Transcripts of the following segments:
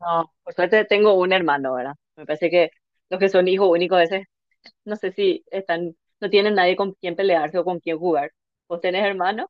No, por suerte tengo un hermano, ¿verdad? Me parece que los que son hijos únicos a veces no sé si están, no tienen nadie con quien pelearse o con quien jugar. ¿Vos tenés hermano?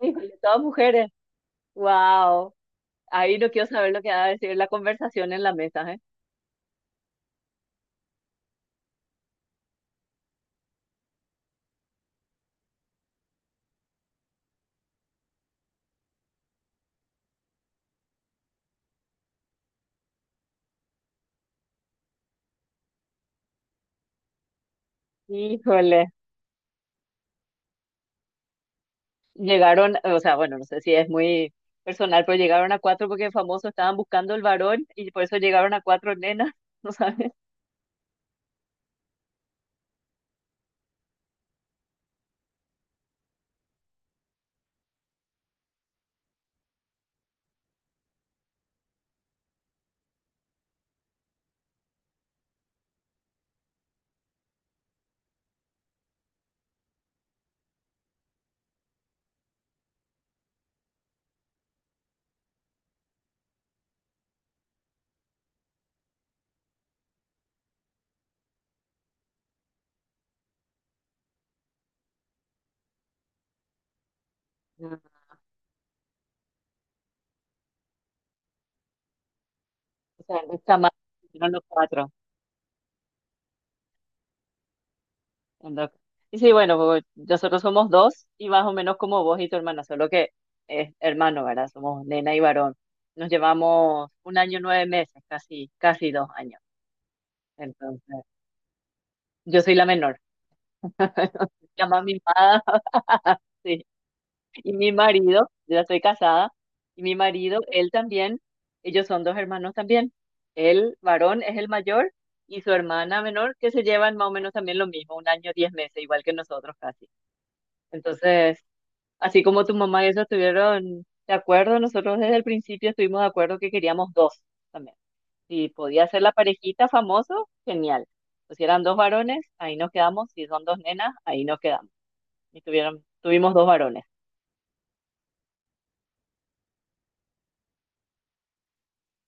Híjole, todas mujeres. Wow. Ahí no quiero saber lo que va a decir la conversación en la mesa, ¿eh? Híjole. Llegaron, o sea, bueno, no sé si es muy personal, pero llegaron a cuatro porque famoso estaban buscando el varón y por eso llegaron a cuatro nenas, ¿no sabes? Ah, o sea, no está mal, hicieron los cuatro. Anda. Y sí, bueno, pues, nosotros somos dos y más o menos como vos y tu hermana, solo que es hermano, ¿verdad? Somos nena y varón. Nos llevamos 1 año, 9 meses, casi, casi 2 años. Entonces, yo soy la menor, la más mimada, sí. Y mi marido, yo ya estoy casada, y mi marido, él también, ellos son dos hermanos también. El varón es el mayor y su hermana menor, que se llevan más o menos también lo mismo, 1 año, 10 meses, igual que nosotros casi. Entonces, así como tu mamá y eso estuvieron de acuerdo, nosotros desde el principio estuvimos de acuerdo que queríamos dos también. Si podía ser la parejita famoso, genial. Pues si eran dos varones, ahí nos quedamos. Si son dos nenas, ahí nos quedamos. Y tuvieron, tuvimos dos varones.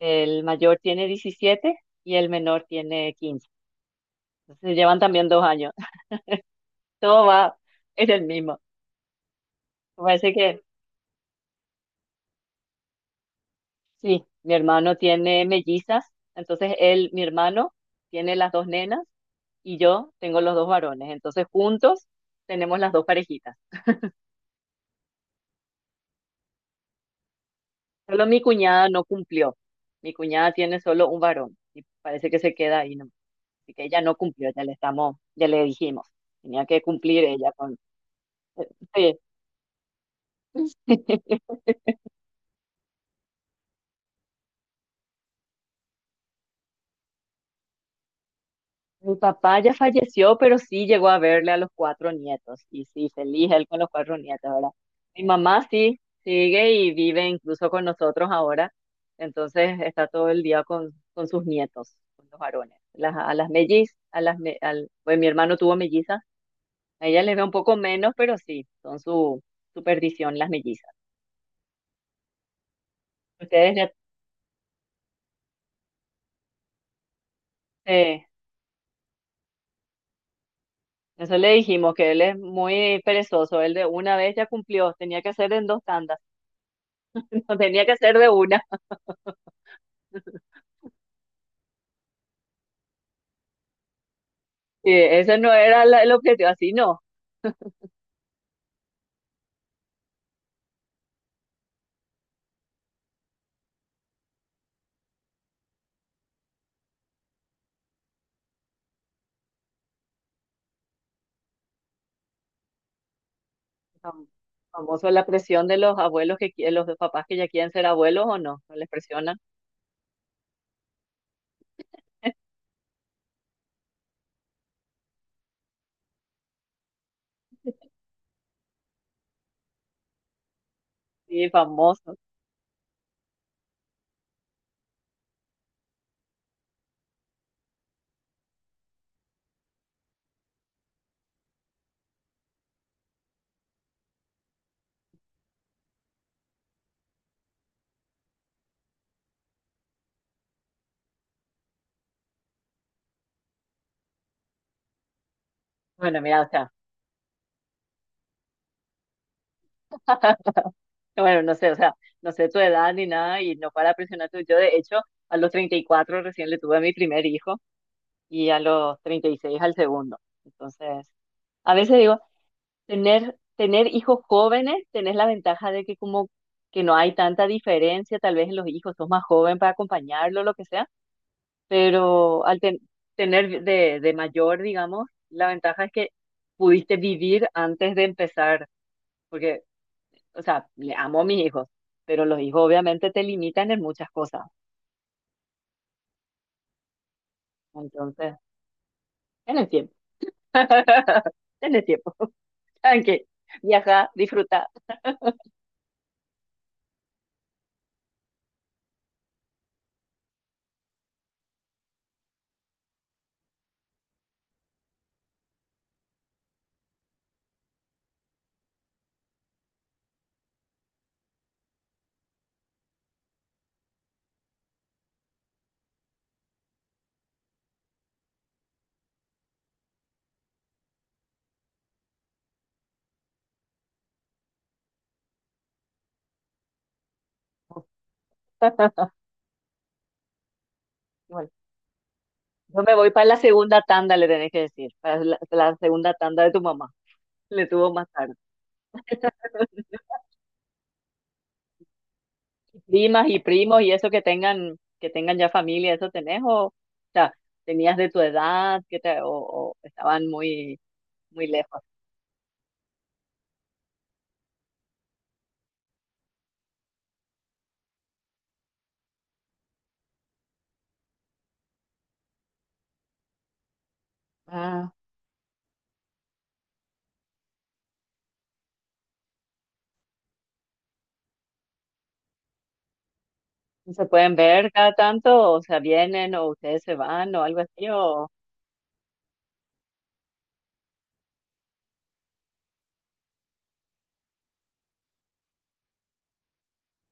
El mayor tiene 17 y el menor tiene 15. Entonces llevan también 2 años. Todo va en el mismo. Me parece que sí, mi hermano tiene mellizas, entonces él, mi hermano, tiene las dos nenas y yo tengo los dos varones, entonces juntos tenemos las dos parejitas. Solo mi cuñada no cumplió, mi cuñada tiene solo un varón y parece que se queda ahí, nomás. Así que ella no cumplió, ya le dijimos, tenía que cumplir ella con. Sí. Mi papá ya falleció, pero sí llegó a verle a los cuatro nietos. Y sí, feliz él con los cuatro nietos, ¿verdad? Mi mamá sí sigue y vive incluso con nosotros ahora. Entonces está todo el día con sus nietos, con los varones. Las, a las mellizas, a las, me- al, pues mi hermano tuvo mellizas. A ella les ve un poco menos, pero sí, son su perdición las mellizas. Ustedes ya, eh, eso le dijimos, que él es muy perezoso. Él de una vez ya cumplió, tenía que hacer en dos tandas, no tenía que hacer de una. Ese no era el objetivo, así no. Fam- Famoso la presión de los abuelos los papás que ya quieren ser abuelos o no, no les presionan. Sí, famoso. Bueno, mira, o sea, bueno, no sé, o sea, no sé tu edad ni nada y no para presionarte. Yo, de hecho, a los 34 recién le tuve a mi primer hijo y a los 36 al segundo. Entonces, a veces digo, tener hijos jóvenes, tenés la ventaja de que como que no hay tanta diferencia, tal vez en los hijos, sos más joven para acompañarlo, lo que sea pero al tener de mayor, digamos, la ventaja es que pudiste vivir antes de empezar, porque, o sea, le amo a mis hijos, pero los hijos obviamente te limitan en muchas cosas, entonces, en el tiempo, en el tiempo, tranqui, viaja, disfruta. Bueno, yo me voy para la segunda tanda, le tenés que decir, para la segunda tanda de tu mamá, le tuvo más tarde. Primas y primos y eso que tengan ya familia, ¿eso tenés? O sea, tenías de tu edad, que te, o estaban muy, muy lejos. Ah, ¿y se pueden ver cada tanto, o sea, vienen, o ustedes se van, o algo así, o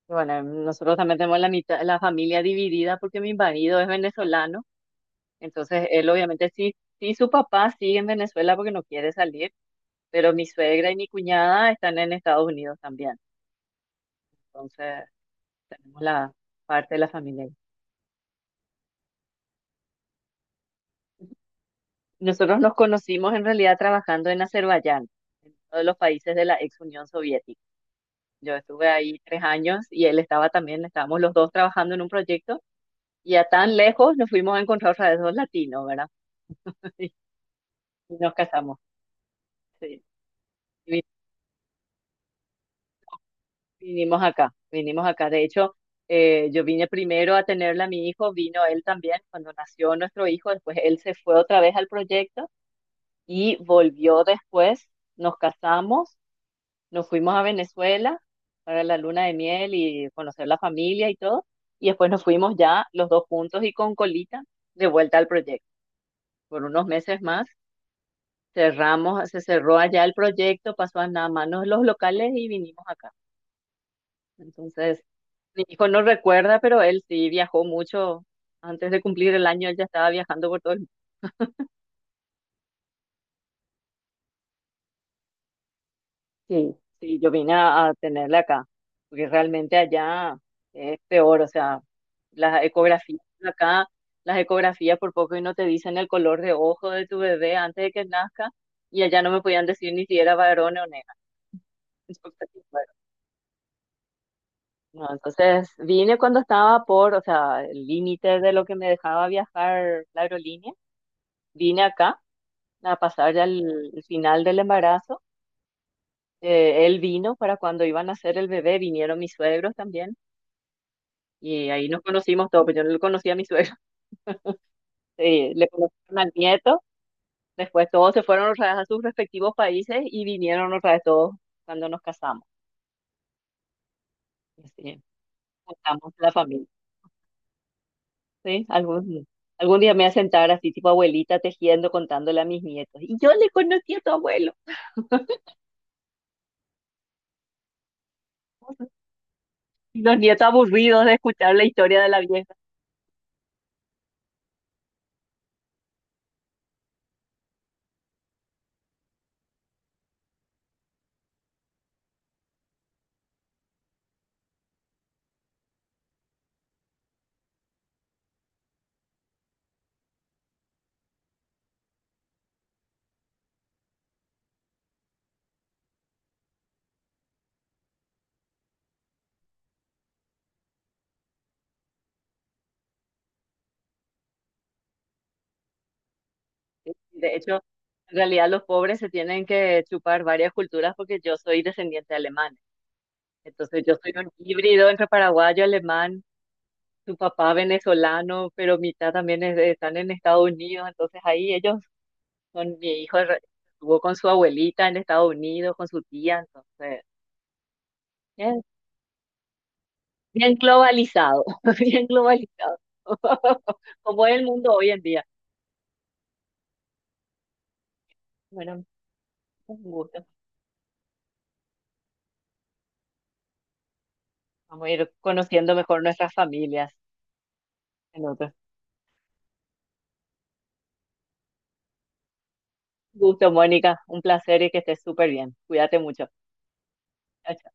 bueno, nosotros también tenemos la mitad, la familia dividida porque mi marido es venezolano, entonces él obviamente sí su papá sigue en Venezuela porque no quiere salir, pero mi suegra y mi cuñada están en Estados Unidos también. Entonces, tenemos la parte de la familia. Nosotros nos conocimos en realidad trabajando en Azerbaiyán, en uno de los países de la ex Unión Soviética. Yo estuve ahí 3 años y él estaba también, estábamos los dos trabajando en un proyecto y a tan lejos nos fuimos a encontrar otra vez dos latinos, ¿verdad? Y nos casamos. Sí. Y vi- Vinimos acá, vinimos acá. De hecho, yo vine primero a tenerla a mi hijo, vino él también cuando nació nuestro hijo, después él se fue otra vez al proyecto y volvió después, nos casamos. Nos fuimos a Venezuela para la luna de miel y conocer la familia y todo. Y después nos fuimos ya los dos juntos y con colita de vuelta al proyecto. Por unos meses más cerramos, se cerró allá el proyecto, pasó a nada manos los locales y vinimos acá. Entonces, mi hijo no recuerda, pero él sí viajó mucho. Antes de cumplir el año, él ya estaba viajando por todo el. Sí, sí, yo vine a tenerla acá, porque realmente allá es peor, o sea, las ecografías acá, las ecografías por poco y no te dicen el color de ojo de tu bebé antes de que nazca, y allá no me podían decir ni si era varón o nena. Entonces, bueno, no, entonces vine cuando estaba por, o sea, el límite de lo que me dejaba viajar la aerolínea, vine acá a pasar ya el final del embarazo. Él vino para cuando iban a hacer el bebé, vinieron mis suegros también. Y ahí nos conocimos todos, pero yo no le conocí a mi suegro, le conocieron al nieto, después todos se fueron otra vez a sus respectivos países y vinieron otra vez todos cuando nos casamos. Y así, juntamos la familia, ¿sí? Algún día me voy a sentar así, tipo abuelita, tejiendo, contándole a mis nietos. Y yo le conocí a tu abuelo. Y los nietos aburridos de escuchar la historia de la vieja. ¿Sí? De hecho, en realidad los pobres se tienen que chupar varias culturas porque yo soy descendiente de alemán. Entonces yo soy un híbrido entre paraguayo, alemán, tu papá venezolano, pero mitad también es están en Estados Unidos, entonces ahí ellos, son mi hijo re- estuvo con su abuelita en Estados Unidos, con su tía, entonces, bien, bien globalizado, bien globalizado, como es el mundo hoy en día. Bueno, un gusto. Vamos a ir conociendo mejor nuestras familias en otro. Un gusto, Mónica, un placer y que estés súper bien. Cuídate mucho. Chao, chao.